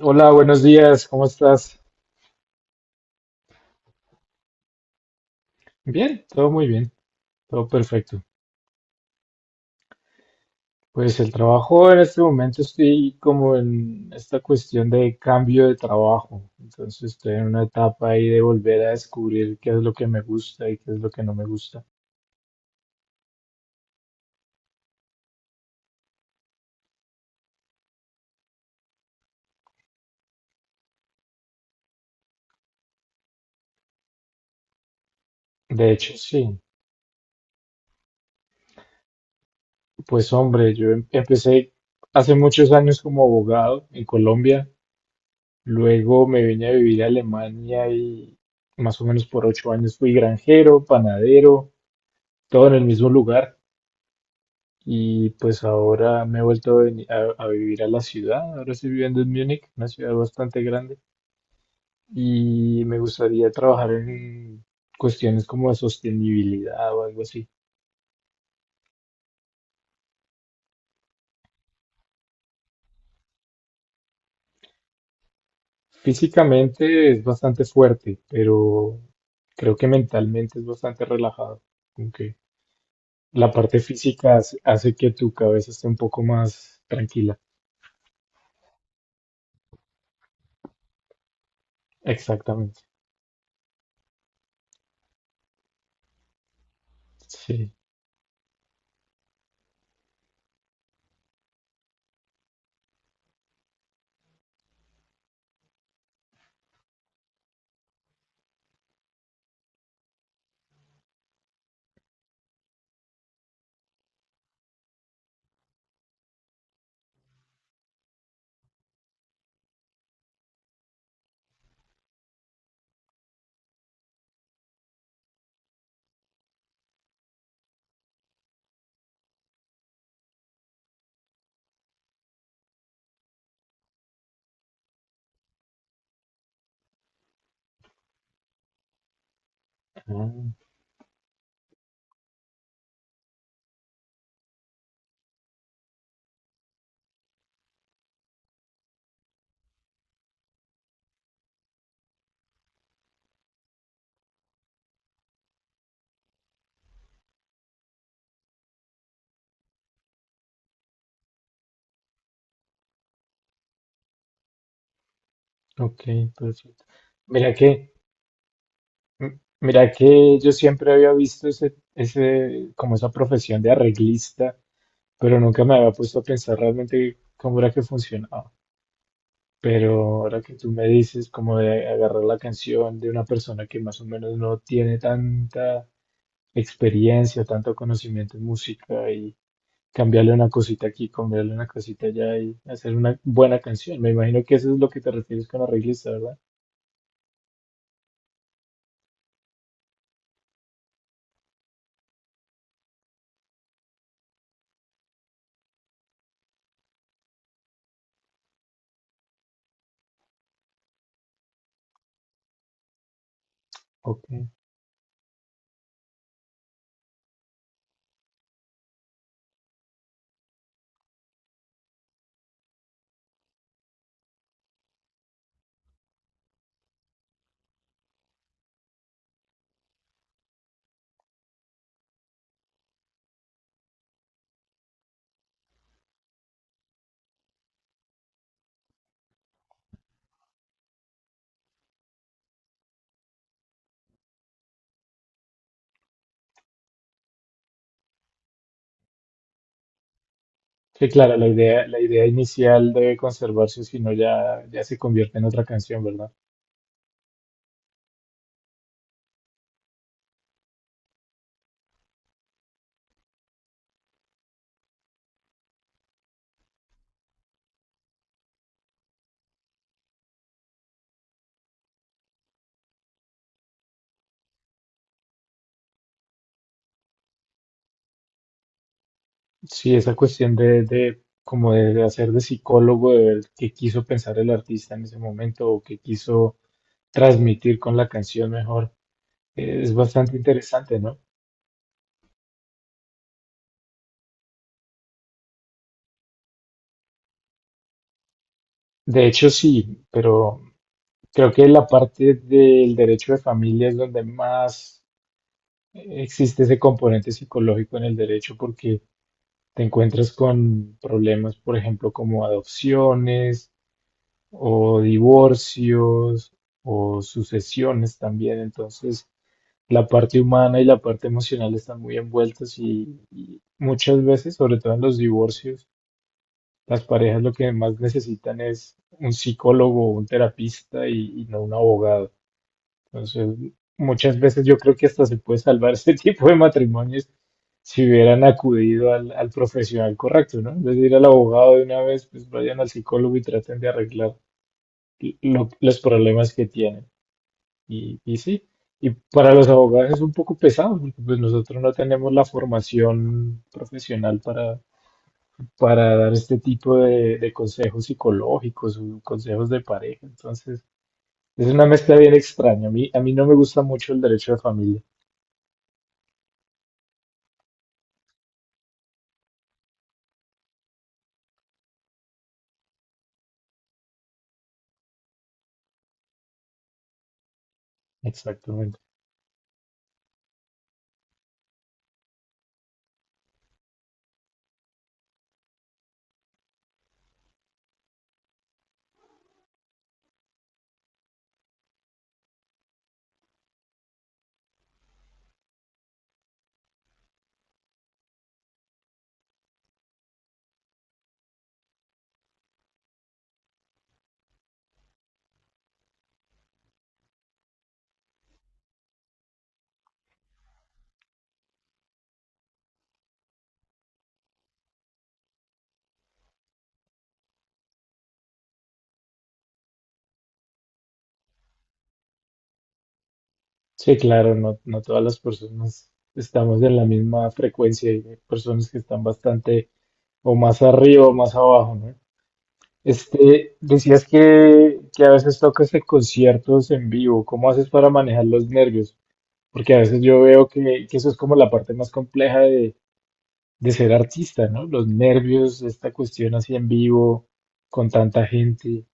Hola, buenos días, ¿cómo estás? Bien, todo muy bien, todo perfecto. Pues el trabajo en este momento estoy como en esta cuestión de cambio de trabajo, entonces estoy en una etapa ahí de volver a descubrir qué es lo que me gusta y qué es lo que no me gusta. De hecho, sí, pues hombre, yo empecé hace muchos años como abogado en Colombia, luego me vine a vivir a Alemania y más o menos por 8 años fui granjero, panadero, todo en el mismo lugar. Y pues ahora me he vuelto a vivir a la ciudad. Ahora estoy viviendo en Múnich, una ciudad bastante grande. Y me gustaría trabajar en cuestiones como de sostenibilidad o algo así. Físicamente es bastante fuerte, pero creo que mentalmente es bastante relajado. Como que la parte física hace que tu cabeza esté un poco más tranquila. Exactamente. Sí. Ah, ok, perfecto. Mira que... Mira que yo siempre había visto ese, como esa profesión de arreglista, pero nunca me había puesto a pensar realmente cómo era que funcionaba. Pero ahora que tú me dices como de agarrar la canción de una persona que más o menos no tiene tanta experiencia, tanto conocimiento en música y cambiarle una cosita aquí, cambiarle una cosita allá y hacer una buena canción. Me imagino que eso es lo que te refieres con arreglista, ¿verdad? Ok. Sí, claro, la idea inicial debe conservarse, si no ya, ya se convierte en otra canción, ¿verdad? Sí, esa cuestión de como de hacer de psicólogo, de ver qué quiso pensar el artista en ese momento o qué quiso transmitir con la canción mejor, es bastante interesante, ¿no? De hecho, sí, pero creo que la parte del derecho de familia es donde más existe ese componente psicológico en el derecho, porque te encuentras con problemas, por ejemplo, como adopciones o divorcios o sucesiones también. Entonces, la parte humana y la parte emocional están muy envueltas y muchas veces, sobre todo en los divorcios, las parejas lo que más necesitan es un psicólogo o un terapista y no un abogado. Entonces, muchas veces yo creo que hasta se puede salvar este tipo de matrimonios si hubieran acudido al, al profesional correcto, ¿no? En vez de ir al abogado de una vez, pues vayan al psicólogo y traten de arreglar los problemas que tienen. Y sí, y para los abogados es un poco pesado, porque pues nosotros no tenemos la formación profesional para, dar este tipo de consejos psicológicos o consejos de pareja. Entonces, es una mezcla bien extraña. A mí no me gusta mucho el derecho de familia. Exactamente. Sí, claro, no, no todas las personas estamos en la misma frecuencia y hay personas que están bastante o más arriba o más abajo, ¿no? Este, decías que a veces tocas en conciertos en vivo. ¿Cómo haces para manejar los nervios? Porque a veces yo veo que eso es como la parte más compleja de, ser artista, ¿no? Los nervios, esta cuestión así en vivo, con tanta gente.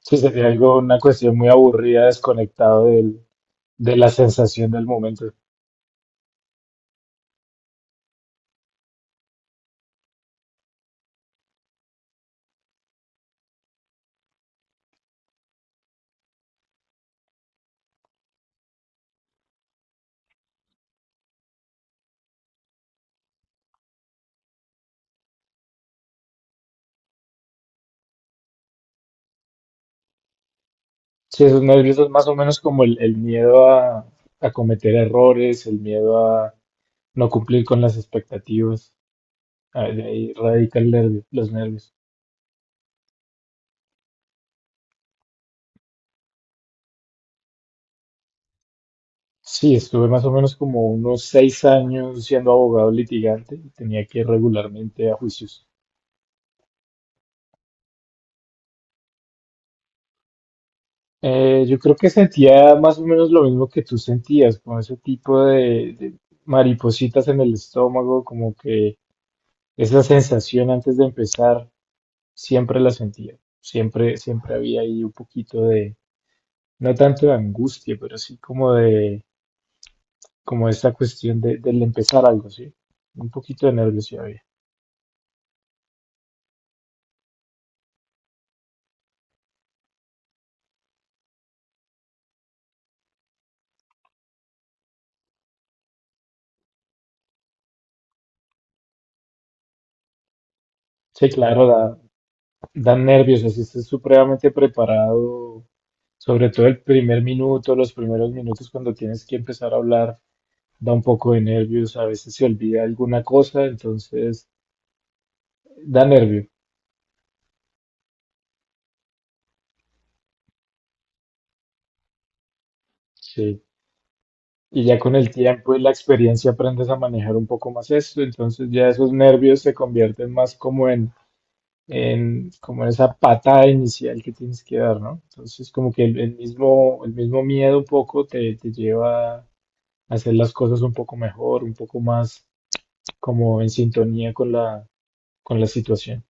Sí, sería algo, una cuestión muy aburrida, desconectado del, de la sensación del momento. Sí, esos nervios es más o menos como el miedo a cometer errores, el miedo a no cumplir con las expectativas. Ah, de ahí radica el nervio, los nervios. Sí, estuve más o menos como unos 6 años siendo abogado litigante y tenía que ir regularmente a juicios. Yo creo que sentía más o menos lo mismo que tú sentías, con ese tipo de maripositas en el estómago, como que esa sensación antes de empezar. Siempre la sentía. Siempre, siempre había ahí un poquito de, no tanto de angustia, pero sí como de, como esta cuestión de, del empezar algo, ¿sí? Un poquito de nervios sí había. Sí, claro, da, dan nervios, así estás supremamente preparado, sobre todo el primer minuto, los primeros minutos cuando tienes que empezar a hablar, da un poco de nervios, a veces se olvida alguna cosa, entonces da nervio, sí. Y ya con el tiempo y la experiencia aprendes a manejar un poco más esto, entonces ya esos nervios se convierten más como en, como en esa patada inicial que tienes que dar, ¿no? Entonces como que el mismo miedo un poco te, lleva a hacer las cosas un poco mejor, un poco más como en sintonía con la situación,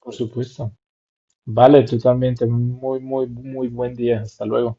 por supuesto. Vale, tú también, ten un muy, muy, muy buen día. Hasta luego.